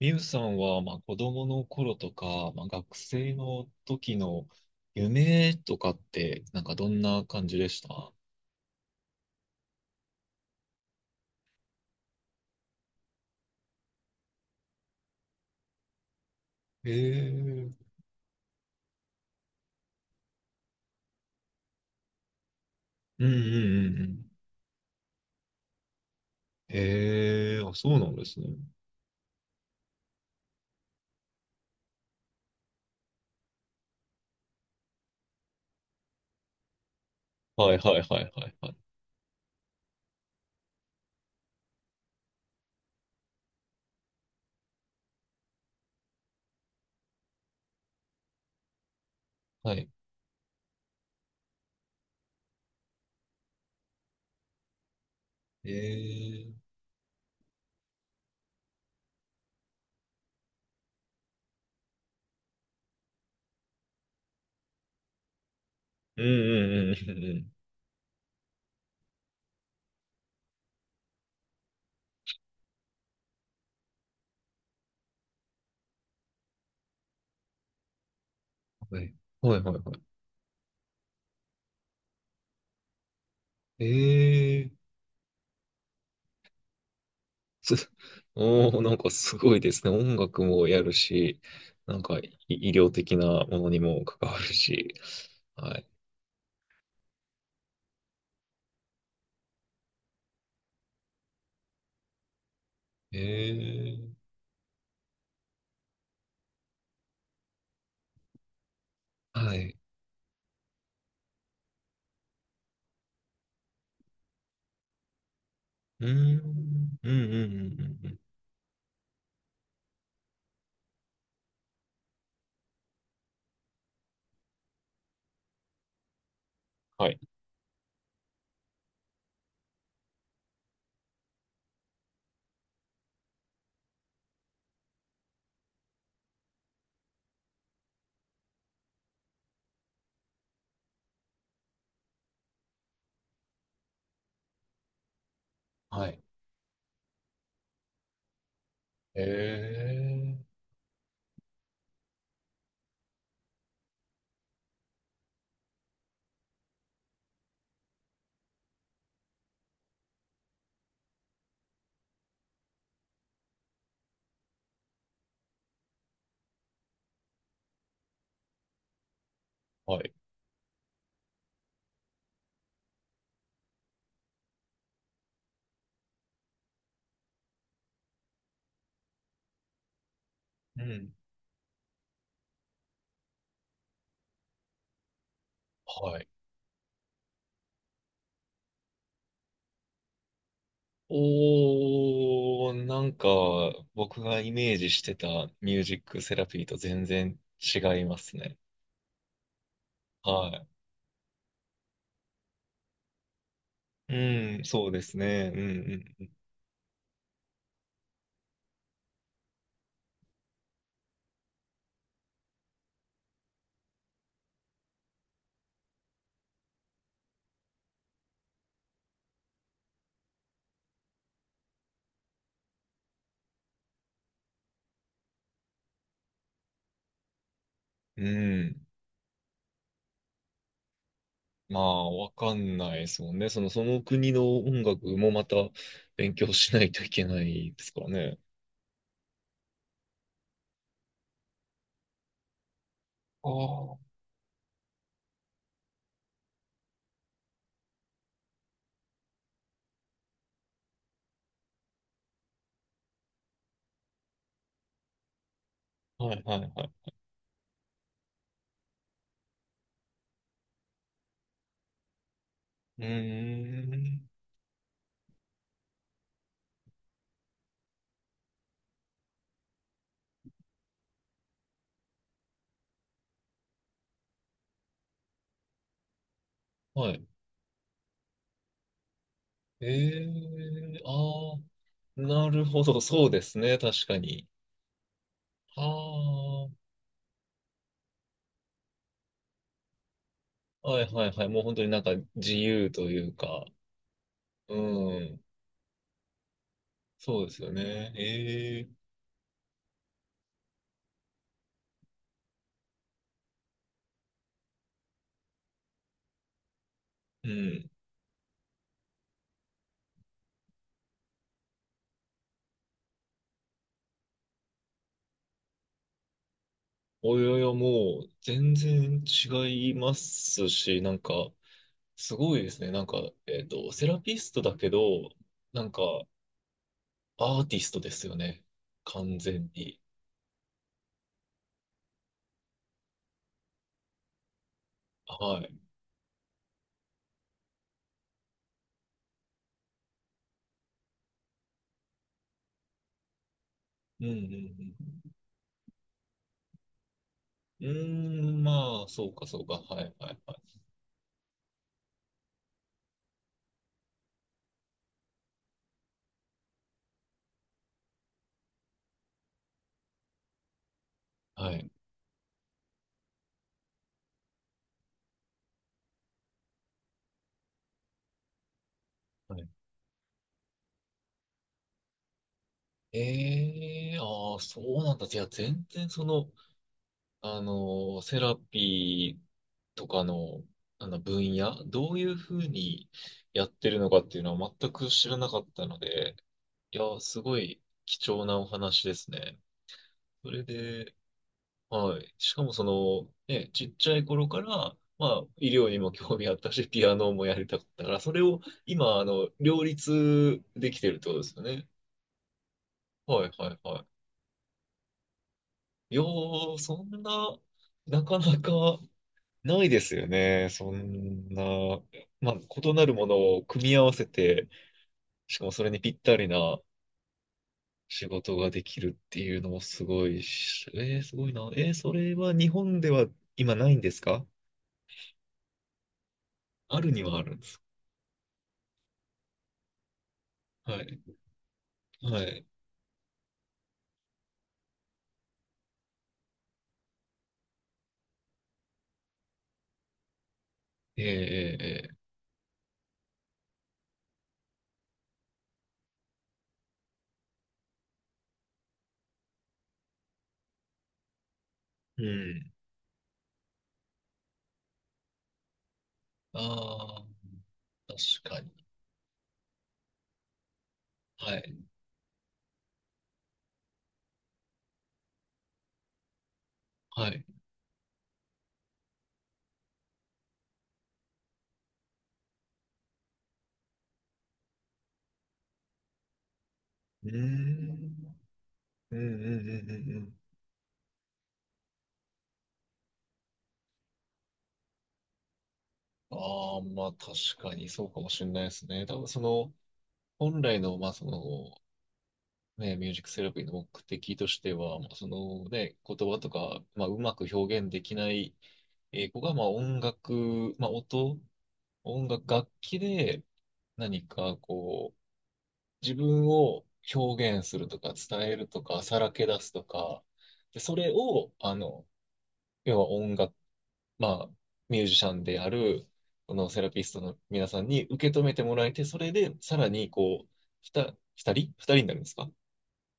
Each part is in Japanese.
みゆさんは、まあ、子供の頃とか、まあ、学生の時の夢とかって、なんかどんな感じでした？ええー、うんうんうんうん。ええー、あ、そうなんですね。はいはいはいはいはい。はい。ええー、うんうんうんうんうん。はいはいはいはい。ええー、す、おー、なんかすごいですね。音楽もやるし、なんか医療的なものにも関わるし。はい。ええー、はい。うーん、うん、うん、うん、うんうん。はい。はい。へえ。はい。うん。はい。おー、なんか、僕がイメージしてたミュージックセラピーと全然違いますね。はい。うん、そうですね。うん、うん。うん。まあ、わかんないですもんね。その、その国の音楽もまた勉強しないといけないですからね。ああ、はい、はい、はい。うーん。はい。ええ、ああ、なるほど、そうですね、確かに。はあ、はいはいはい、もう本当になんか自由というか、うん、そうですよね。ええ、うん。およよ、もう全然違いますし、なんか、すごいですね。なんか、セラピストだけど、なんか、アーティストですよね。完全に。はい。うんうんうん。うーん、まあ、そうかそうか。はいはいはい。はいはい。ええ、ああ、そうなんだ。じゃあ全然その、セラピーとかの、あの分野、どういうふうにやってるのかっていうのは全く知らなかったので、いや、すごい貴重なお話ですね。それで、はい。しかもその、ね、ちっちゃい頃から、まあ、医療にも興味あったし、ピアノもやりたかったから、それを今、両立できてるってことですよね。はい、はい、はい。いやー、そんな、なかなかないですよね。そんな、まあ、異なるものを組み合わせて、しかもそれにぴったりな仕事ができるっていうのもすごいし、えー、すごいな。えー、それは日本では今ないんですか？あるにはあるんです。はい。はい。えー、えー、えーうん。ああ、確かに。はい。はい。うーん。うんうんうんうんうん。ああ、まあ確かにそうかもしれないですね。多分その、本来の、まあその、ね、ミュージックセラピーの目的としては、まあ、そのね、言葉とか、まあうまく表現できない子が、まあ音楽、音楽、楽器で何かこう、自分を表現するとか、伝えるとか、さらけ出すとか、で、それを、要は音楽、まあ、ミュージシャンである、このセラピストの皆さんに受け止めてもらえて、それで、さらに、こう、二人になるんですか？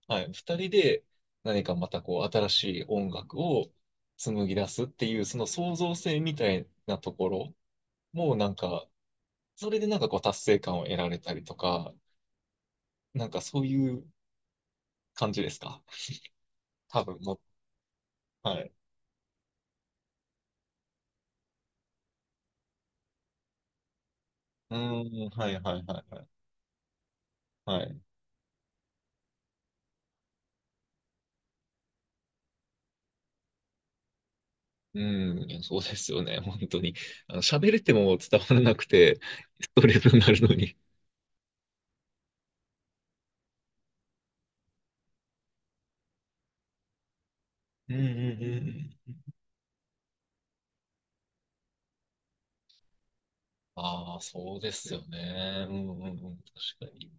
はい。二人で、何かまた、こう、新しい音楽を紡ぎ出すっていう、その創造性みたいなところも、なんか、それでなんかこう、達成感を得られたりとか、なんかそういう感じですか？多分の、はい。うーん、はいはいはいはい。はい、うん、いやそうですよね、本当に。喋れても伝わらなくて、ストレスになるのに。うんうんうんうん。ああ、そうですよね。うんうんうん、確かに。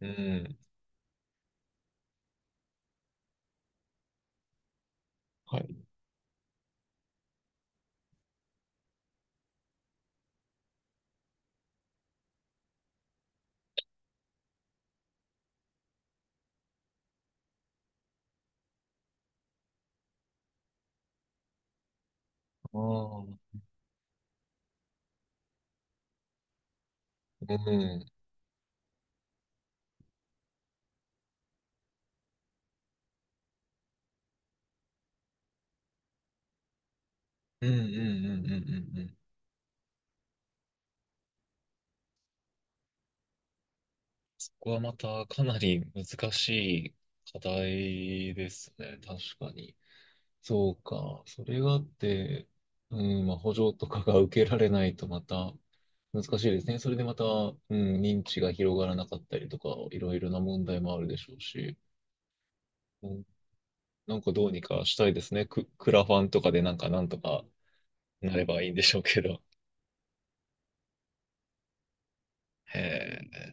うん。はい。ああ、うん。うんうんうんうんうんうん。そこはまたかなり難しい課題ですね、確かに。そうか。それがあって、うん、まあ、補助とかが受けられないとまた難しいですね。それでまた、うん、認知が広がらなかったりとか、いろいろな問題もあるでしょうし、うん、なんかどうにかしたいですね。クラファンとかでなんかなんとかなればいいんでしょうけど。へえ。